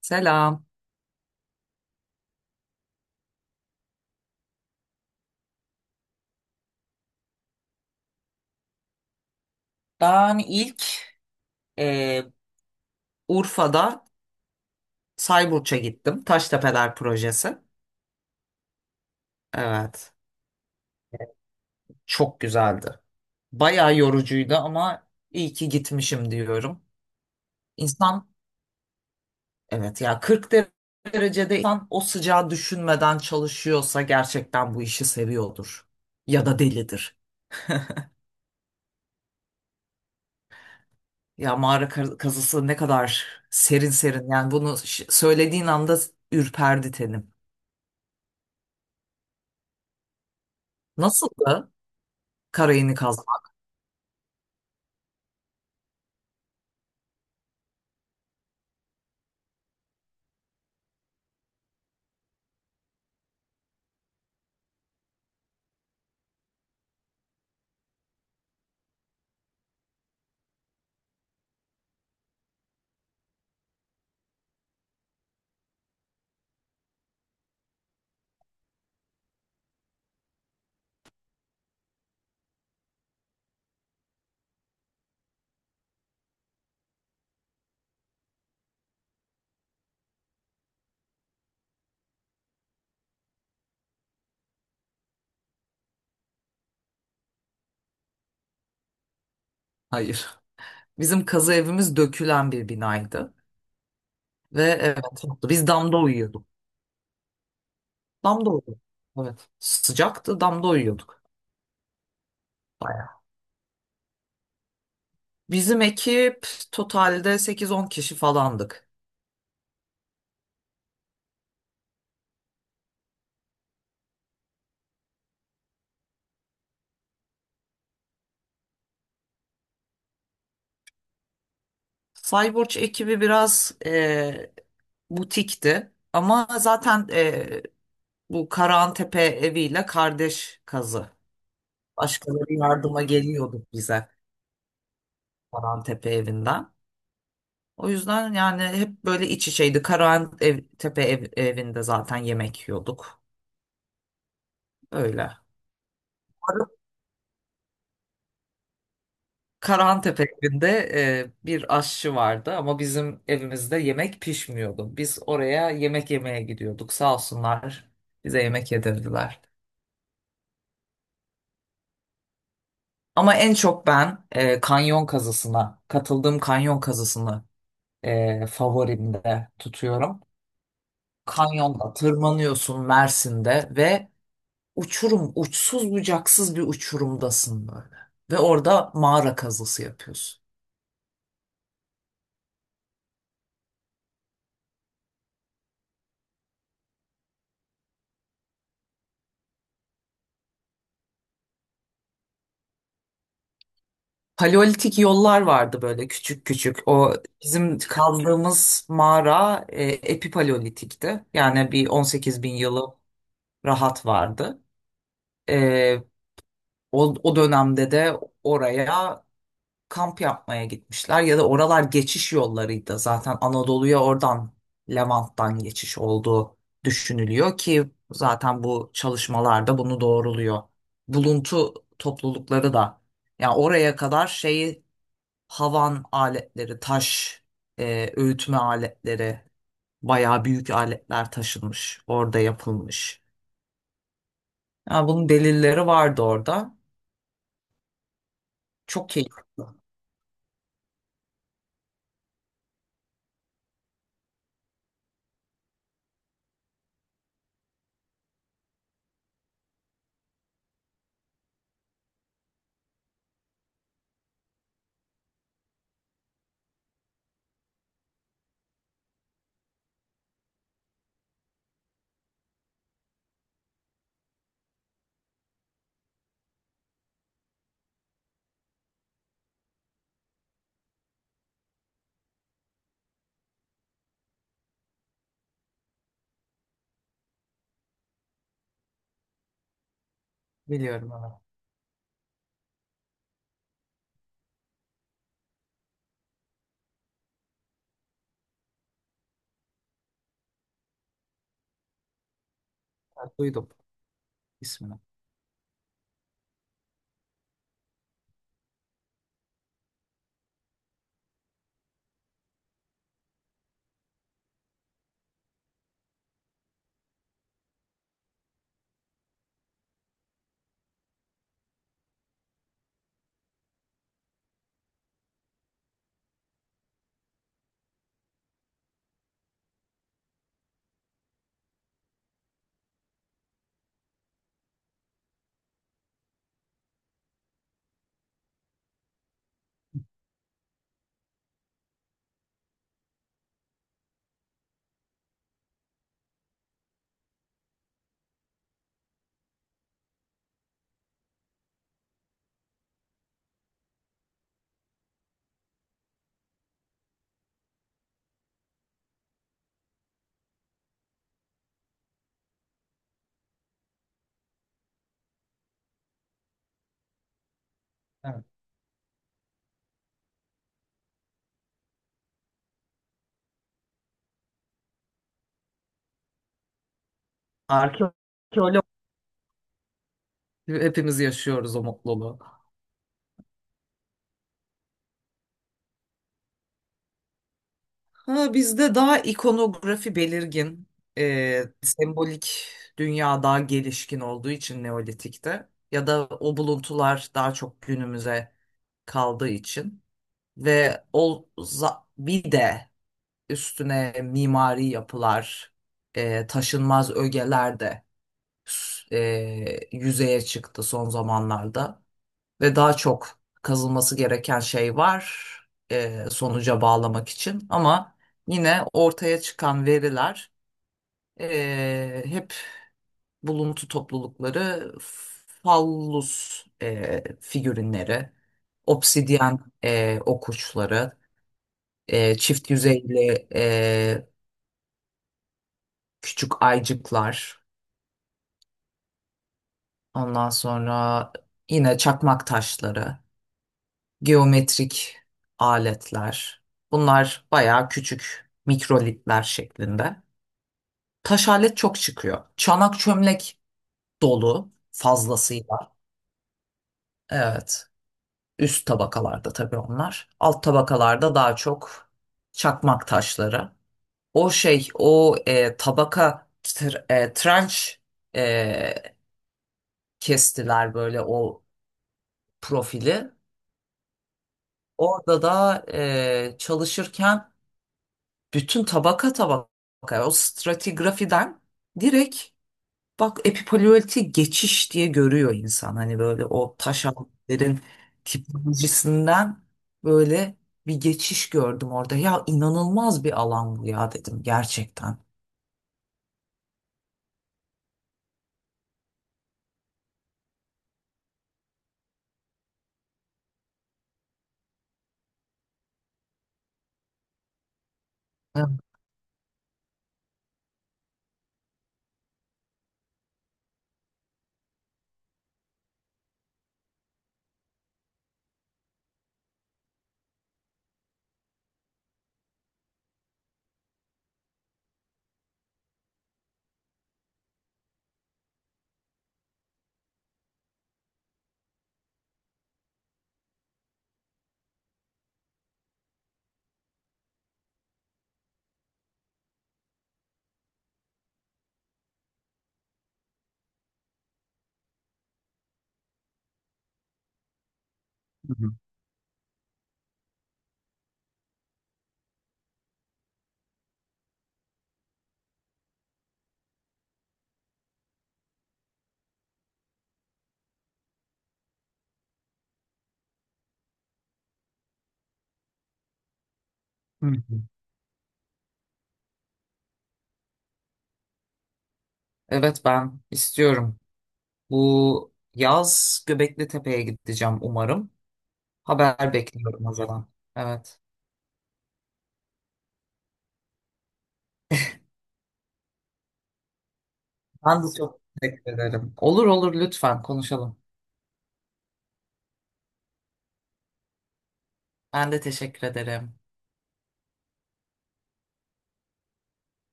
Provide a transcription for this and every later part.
Selam. Ben ilk e, Urfa'da Sayburç'a gittim. Taştepeler projesi. Evet. Çok güzeldi. Bayağı yorucuydu ama iyi ki gitmişim diyorum. İnsan, evet ya, 40 derecede insan o sıcağı düşünmeden çalışıyorsa gerçekten bu işi seviyordur. Ya da delidir. Ya mağara kazısı ne kadar serin serin. Yani bunu söylediğin anda ürperdi tenim. Nasıldı karayını kazmak? Hayır. Bizim kazı evimiz dökülen bir binaydı. Ve evet, haklı. Biz damda uyuyorduk. Damda uyuyorduk. Evet. Sıcaktı, damda uyuyorduk. Bayağı. Bizim ekip totalde sekiz on kişi falandık. Cyborg ekibi biraz butikti. Ama zaten bu Karahantepe eviyle kardeş kazı. Başkaları yardıma geliyordu bize Karahantepe evinden. O yüzden yani hep böyle iç içeydi. Karahan ev, Tepe ev- evinde zaten yemek yiyorduk. Öyle. Karahan tepe evinde bir aşçı vardı ama bizim evimizde yemek pişmiyordu. Biz oraya yemek yemeye gidiyorduk. Sağ olsunlar, bize yemek yedirdiler. Ama en çok ben katıldığım kanyon kazısını favorimde tutuyorum. Kanyonda tırmanıyorsun Mersin'de ve uçurum, uçsuz bucaksız bir uçurumdasın böyle. Ve orada mağara kazısı yapıyorsun. Paleolitik yollar vardı böyle küçük küçük. O bizim kazdığımız mağara epipaleolitikti. Yani bir 18 bin yılı rahat vardı. E, o dönemde de oraya kamp yapmaya gitmişler ya da oralar geçiş yollarıydı. Zaten Anadolu'ya oradan Levant'tan geçiş olduğu düşünülüyor ki zaten bu çalışmalarda bunu doğruluyor. Buluntu toplulukları da yani oraya kadar şeyi, havan aletleri, taş öğütme aletleri, bayağı büyük aletler taşınmış, orada yapılmış. Yani bunun delilleri vardı orada. Çok keyifli. Biliyorum, evet. Evet, duydum ismini. Arke- Arkeolog, hepimiz yaşıyoruz o mutluluğu. Ha, bizde daha ikonografi belirgin, sembolik dünya daha gelişkin olduğu için Neolitik'te ya da o buluntular daha çok günümüze kaldığı için ve bir de üstüne mimari yapılar, taşınmaz ögeler de yüzeye çıktı son zamanlarda. Ve daha çok kazılması gereken şey var, sonuca bağlamak için. Ama yine ortaya çıkan veriler hep buluntu toplulukları, fallus figürinleri, obsidyen okuçları, çift yüzeyli e, küçük aycıklar, ondan sonra yine çakmak taşları, geometrik aletler. Bunlar bayağı küçük mikrolitler şeklinde. Taş alet çok çıkıyor. Çanak çömlek dolu fazlasıyla. Evet. Üst tabakalarda tabii onlar. Alt tabakalarda daha çok çakmak taşları. O şey, tabaka trenç, e, kestiler böyle o profili. Orada da çalışırken bütün tabaka tabaka o stratigrafiden direkt, bak, epipaleolitik geçiş diye görüyor insan. Hani böyle o taş altların tipolojisinden böyle bir geçiş gördüm orada. Ya inanılmaz bir alan bu ya dedim gerçekten. Evet. Hı hı. Hı hı. Evet, ben istiyorum. Bu yaz Göbekli Tepe'ye gideceğim umarım. Haber bekliyorum o zaman. Evet. Ben de çok teşekkür ederim. Olur olur, lütfen konuşalım. Ben de teşekkür ederim.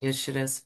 Görüşürüz.